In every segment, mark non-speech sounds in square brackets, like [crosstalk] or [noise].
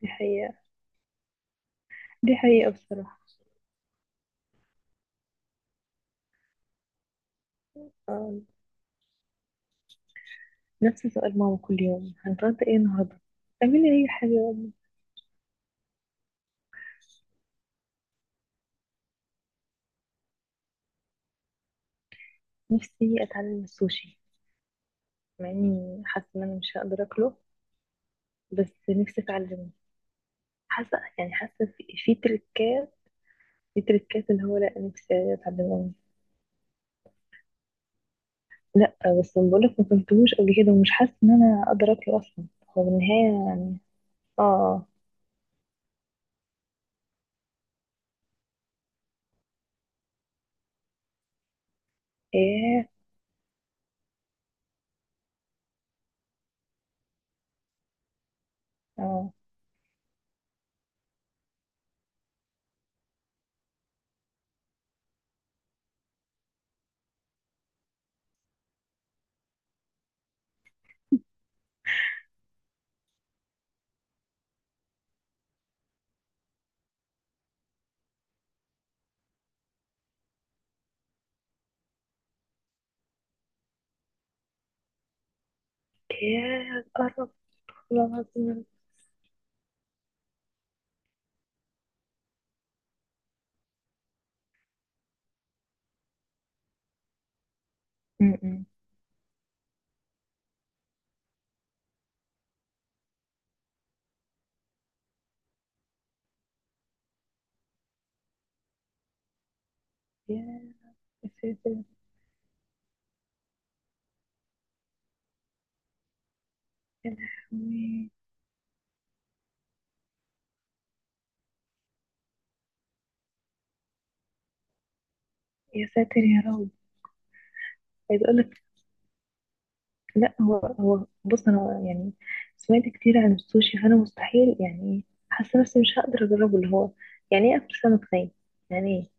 دي حقيقة. دي حقيقة بصراحة. آه، نفس سؤال ماما كل يوم هنتغدى ايه النهاردة. اعملي اي حاجة. نفسي اتعلم السوشي، مع اني حاسة ان انا مش هقدر اكله، بس نفسي اتعلمه. حاسة حاسة في تريكات، في تريكات اللي هو لا، نفسي اتعلمه. لا، بس بقولك ما كنتهوش قبل كده ومش حاسة ان انا اقدر اكله اصلا. هو بالنهاية يعني اه. ايه. اه. ايه قرب. خلاص م. ياه. يا ساتر. يا لهوي. يا ساتر يا رب. عايز اقول لك، لا هو بص انا يعني سمعت كتير عن السوشي، فانا مستحيل يعني حاسه نفسي مش هقدر اجربه. اللي هو يعني ايه اكل سمك ني؟ يعني ايه؟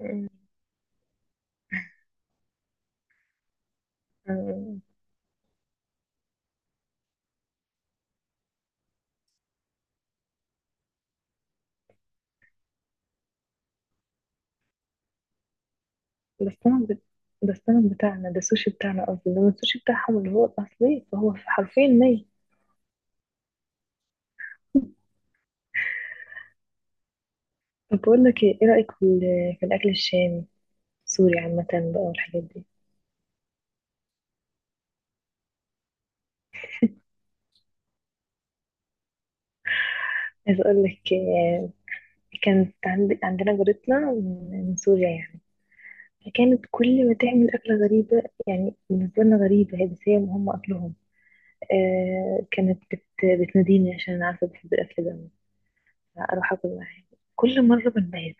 أمم. أمم. ده السمك بت- ده السمك بتاعنا، ده السوشي بتاعنا قصدي، انما السوشي بتاعهم اللي هو الاصلي فهو حرفيا ني. طب بقول لك ايه، إيه رايك في في الاكل الشامي، السوري عامه بقى والحاجات دي؟ عايز اقول لك كانت عندنا جارتنا من سوريا يعني، فكانت كل ما تعمل أكلة غريبة، يعني بالنسبة لنا غريبة هي، بس هي هم أكلهم. آه كانت بتناديني عشان أنا عارفة بحب الأكل ده، أروح أكل معاها. كل مرة بنبهر.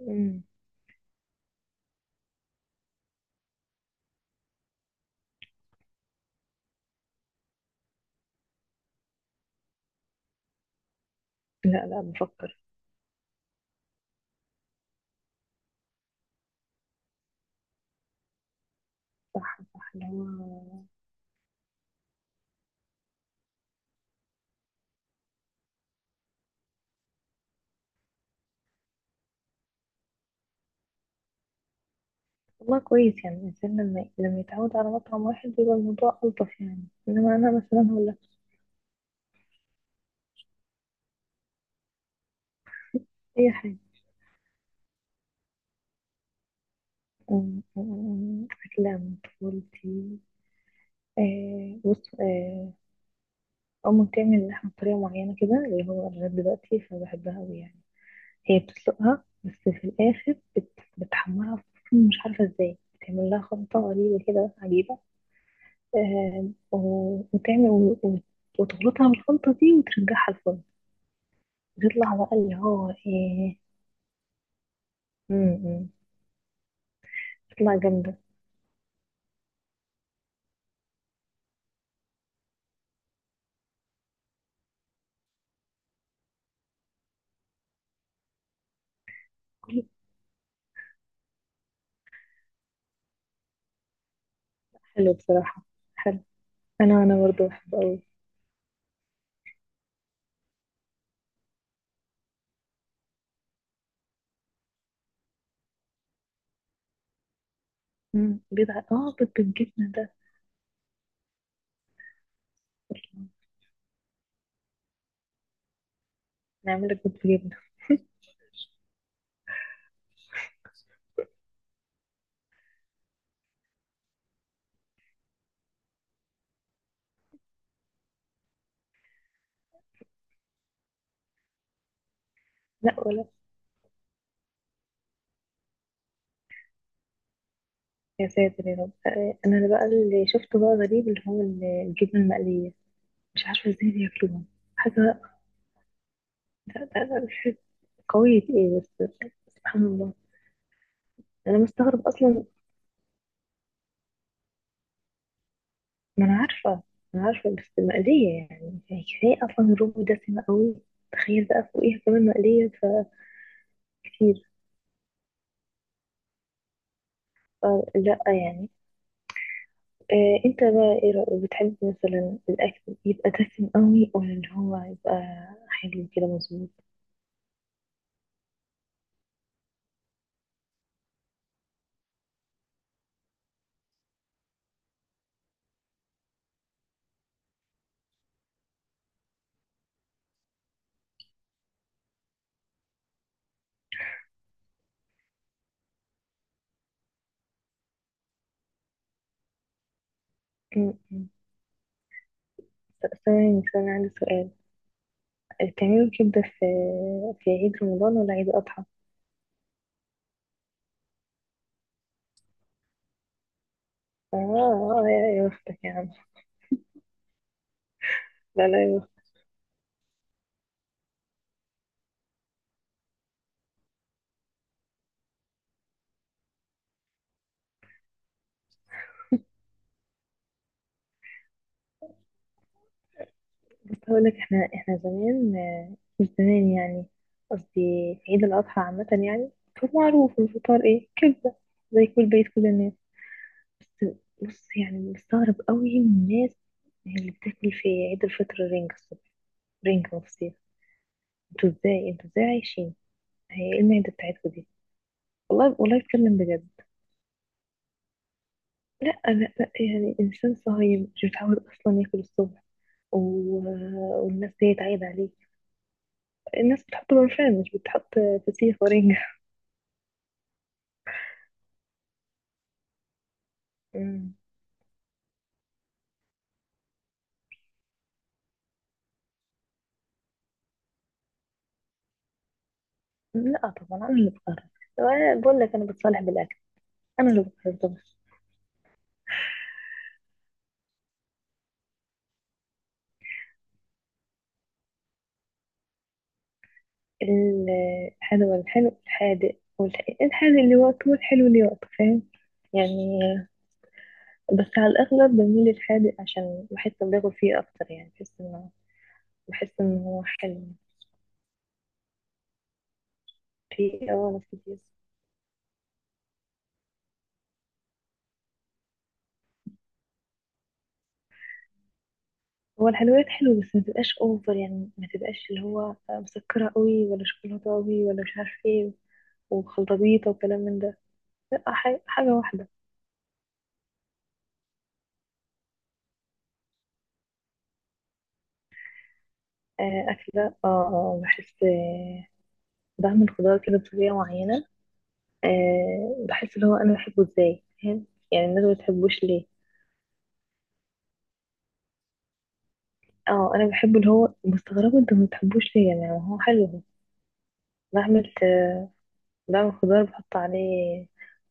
مم. لا لا، بفكر. صح صح، اللي هو والله كويس يعني، الإنسان لما يتعود على مطعم واحد بيبقى الموضوع ألطف يعني. إنما أنا مثلا ولا أي حاجة. مم، مم، مم، أكلة من طفولتي. آه بص آه، أو مهتمة إن إحنا بطريقة معينة كده اللي هو لغاية دلوقتي فبحبها أوي يعني. هي بتسلقها بس في الآخر بتحمرها الفرن، مش عارفة إزاي بتعمل لها خلطة غريبة كده عجيبة. آه و... وتعمل و... و... وتخلطها بالخلطة دي وترجعها الفرن. بتطلع بقى اللي هو إيه. م- م. بتطلع جامدة. كل- حلو بصراحة. حلو. أنا برضه بحبه أوي. مم. بيض اه بيض بالجبنة ده. نعمل لك بيض بالجبنة؟ لا ولا. يا ساتر يا رب. انا اللي بقى اللي شفته بقى غريب اللي هو الجبنه المقليه، مش عارفه ازاي بياكلوها. حاجه قويه ايه بس. سبحان الله. انا مستغرب اصلا. ما انا عارفه، ما انا عارفه، بس مقليه يعني. يعني كفايه اصلا الرز دسمه قوي، تخيل بقى فوقيها كمان مقليه، فكتير، فلا يعني. آه انت بقى ايه رأيك، بتحب مثلا الاكل يبقى دسم قوي ولا اللي هو يبقى حلو كده مظبوط؟ م. بس أنا يعني، بس أنا عندي سؤال، بتعملوا كبدة في في عيد رمضان ولا عيد الأضحى؟ آه آه، يا بختك يا عم. لا لا يا بختك. بس هقول لك احنا، احنا زمان مش زمان يعني، قصدي في عيد الأضحى عامة يعني كان معروف الفطار ايه، كبدة، زي كل بيت، كل الناس. بس بص يعني مستغرب قوي من الناس اللي بتاكل في عيد الفطر رنجة الصبح، رنجة وفسيخ. انتوا ازاي عايشين؟ هي ايه المعدة بتاعتكوا دي؟ والله والله بتكلم بجد. لا لا لا، يعني إنسان صهيب مش متعود أصلا ياكل الصبح، و... والناس ديت عايدة عليه؟ الناس بتحط برفان، مش بتحط فسيخ ورنجة. أمم. لا طبعا أنا اللي بقرر، وأنا بقول لك أنا بتصالح بالأكل. أنا اللي بقرر طبعا. الحلو الحلو، الحادق الحادق اللي وقته والحلو اللي وقته، فاهم يعني. بس على الأغلب بميل للحادق عشان بحس إن باكل فيه أكتر، يعني بحس إنه، بحس إنه هو حلو. في اه ناس كتير. هو الحلويات حلوة بس ما تبقاش اوفر، يعني ما تبقاش اللي هو مسكرة قوي ولا شوكولاتة قوي ولا مش عارف ايه وخلطة بيضة وكلام من ده. لا حاجة واحدة. أكل ده اه، بحس بعمل خضار كده بطريقة معينة، بحس اللي هو أنا بحبه ازاي، فاهم يعني، الناس ما بتحبوش ليه. اه أنا بحبه اللي هو مستغربة انتوا ما بتحبوش ليه، يعني هو حلو. هو بعمل بعمل خضار بحط عليه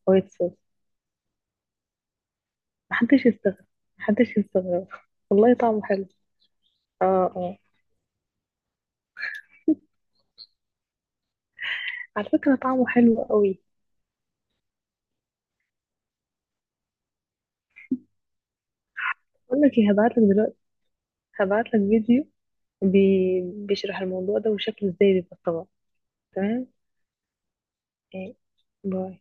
وايت صوص. محدش يستغرب، محدش يستغرب [laughs] والله طعمه حلو. اه اه على فكرة طعمه حلو قوي. اقول لك ايه، هبعت لك دلوقتي، هبعت لك فيديو بي... بيشرح الموضوع ده وشكله ازاي بيبقى الطبق. تمام. إيه. باي.